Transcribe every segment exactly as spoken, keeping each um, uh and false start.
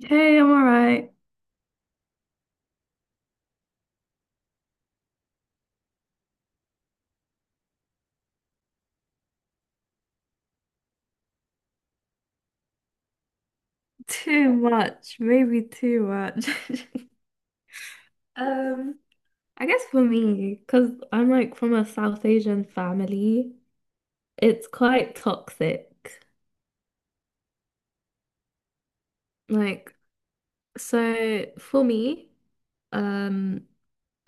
Hey, I'm all right. Too much, maybe too much. Um, I guess for me, because I'm like from a South Asian family, it's quite toxic. Like, so for me, um,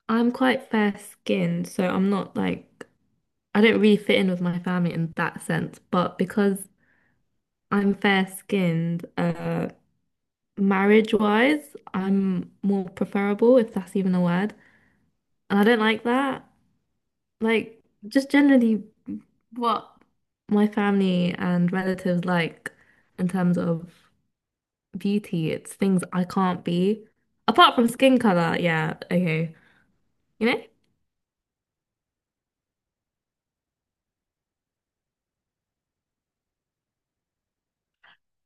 I'm quite fair skinned, so I'm not like, I don't really fit in with my family in that sense. But because I'm fair skinned, uh, marriage wise, I'm more preferable, if that's even a word. And I don't like that. Like just generally what my family and relatives like in terms of beauty, it's things I can't be. Apart from skin color, yeah, okay. You know?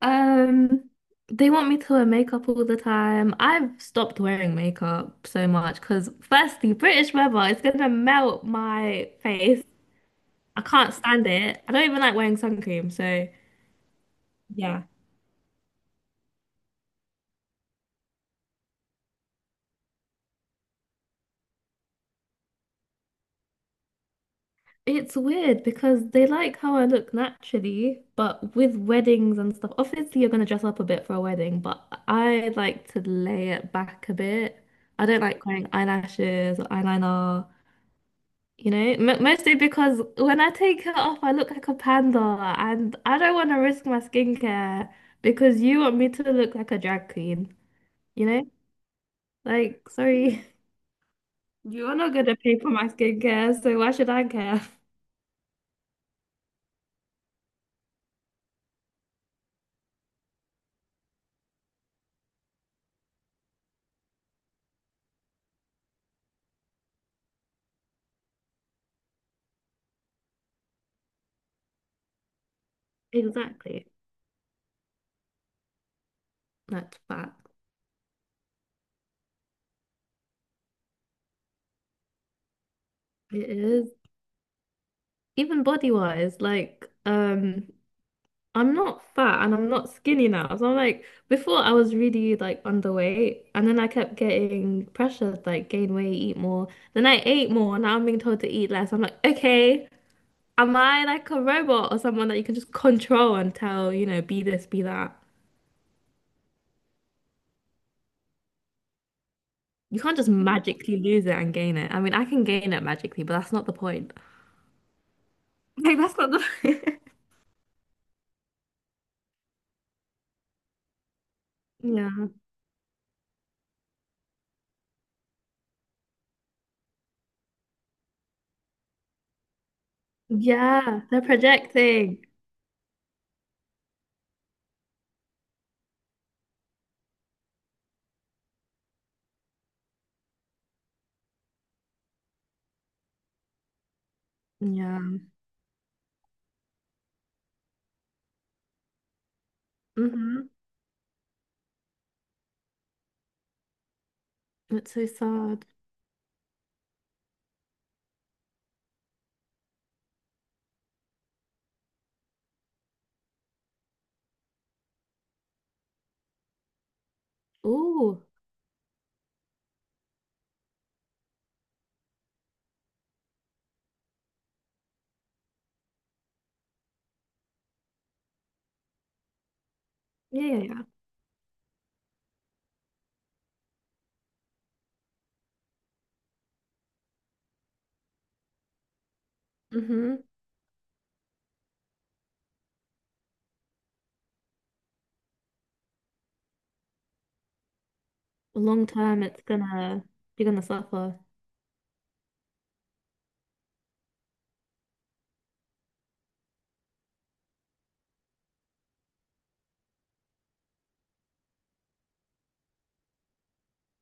Um, they want me to wear makeup all the time. I've stopped wearing makeup so much because firstly, British weather is gonna melt my face. I can't stand it. I don't even like wearing sun cream, so yeah. It's weird because they like how I look naturally, but with weddings and stuff, obviously you're gonna dress up a bit for a wedding, but I like to lay it back a bit. I don't like wearing eyelashes or eyeliner, you know, M mostly because when I take it off, I look like a panda, and I don't want to risk my skincare because you want me to look like a drag queen, you know? Like, sorry, you're not gonna pay for my skincare, so why should I care? Exactly. That's facts. It is. Even body wise, like um I'm not fat and I'm not skinny now. So I'm like before I was really like underweight, and then I kept getting pressured like gain weight, eat more. Then I ate more, and now I'm being told to eat less. I'm like, okay, am I like a robot or someone that you can just control and tell, you know, be this, be that? You can't just magically lose it and gain it. I mean, I can gain it magically, but that's not the point. Like that's not the Yeah. Yeah, they're projecting. Yeah. Mm-hmm. That's so sad. Oh, yeah, yeah, yeah. Mm-hmm. Long term, it's gonna you're gonna suffer.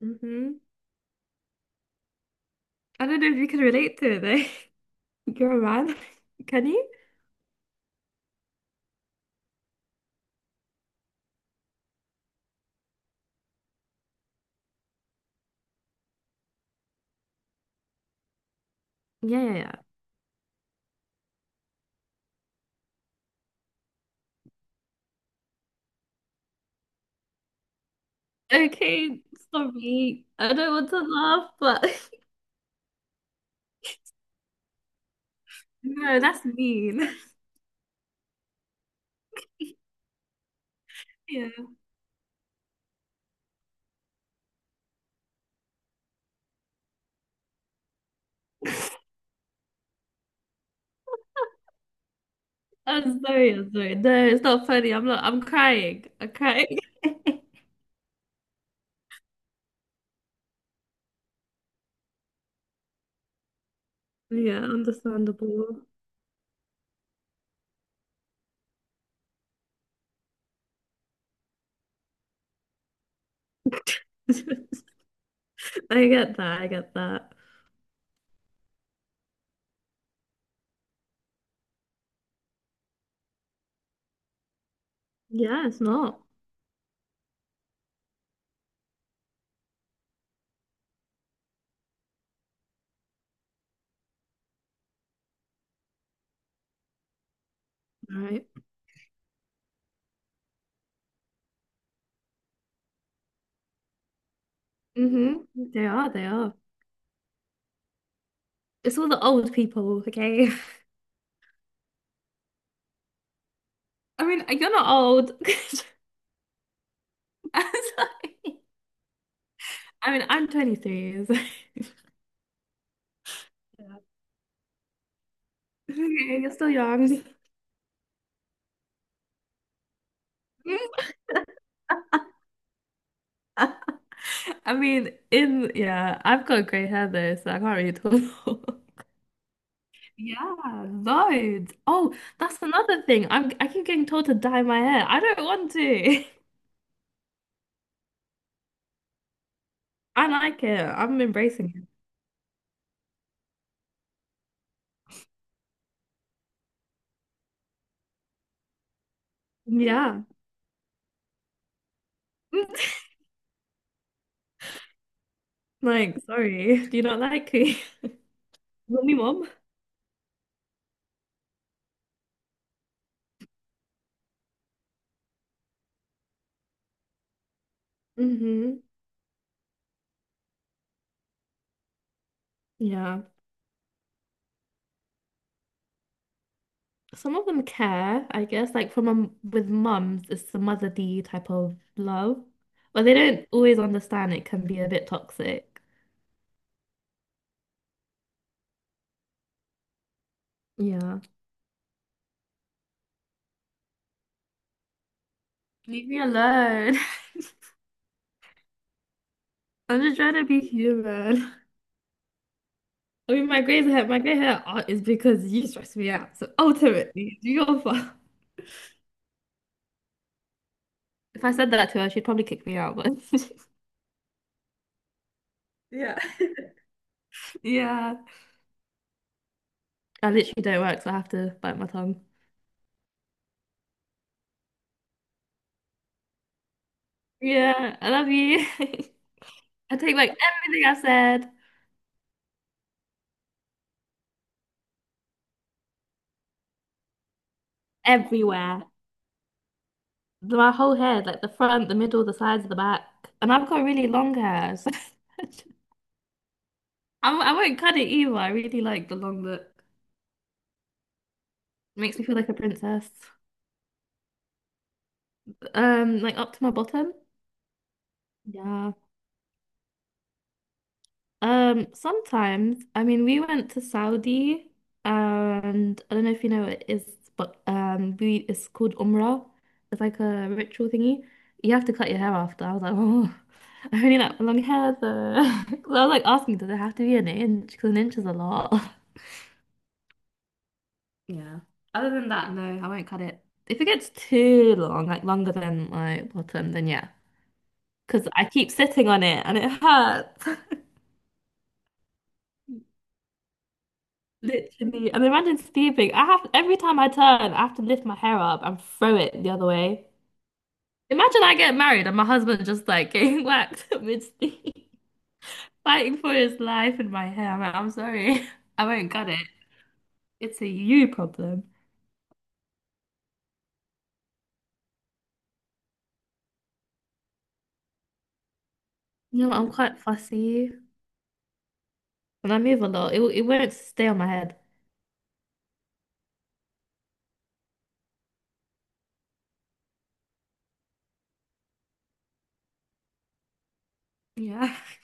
Mm-hmm. I don't know if you can relate to it though. You're a man. Can you? Yeah, yeah, yeah. Okay, sorry. I don't want to laugh, but no, that's mean. Yeah. I'm sorry, I'm sorry. No, it's not funny. I'm not I'm crying. I'm crying. Yeah, understandable. I get that, I get that. Yeah, it's not. Right. Hmm. They are, they are. It's all the old people, okay? I mean, you're not old. I'm sorry. I mean, I'm twenty-three, so Yeah. Okay, you're still young. Mm, I mean, in yeah, I've got grey hair though, so I can't really tell. Yeah, loads. Oh, that's another thing. I'm I keep getting told to dye my hair. I don't want to. I like it. I'm embracing it. Yeah. Like, sorry. Do you not like me? Want me, mom? Hmm. Yeah. Some of them care, I guess. Like from a, with mums, it's the motherly type of love. But they don't always understand it can be a bit toxic. Yeah. Leave me alone. I'm just trying to be human. I mean, my grey hair, my grey hair are- is because you stress me out. So ultimately, it's your fault. If I said that to her, she'd probably kick me out. But Yeah. Yeah, I literally don't work, so I have to bite my tongue. Yeah, I love you. I take back everything I said. Everywhere. My whole head, like the front, the middle, the sides, the back. And I've got really long hair. So I, I won't cut it either. I really like the long look. Makes me feel like a princess. Um, like up to my bottom. Yeah. Um, sometimes, I mean, we went to Saudi, and I don't know if you know what it is, but um, we it's called Umrah. It's like a ritual thingy. You have to cut your hair after. I was like, oh, I really like long hair, so I was like asking, does it have to be an inch? Because an inch is a lot. Yeah. Other than that, no, I won't cut it. If it gets too long, like longer than my bottom, then yeah, because I keep sitting on it and it hurts. Literally. And imagine sleeping. I have every time I turn, I have to lift my hair up and throw it the other way. Imagine I get married and my husband just like getting whacked mid-sleep, fighting for his life in my hair. I'm like, I'm sorry. I won't cut it. It's a you problem. No, I'm quite fussy and I move a lot. It, it won't stay on my head. Yeah.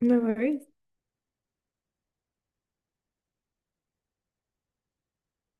No worries.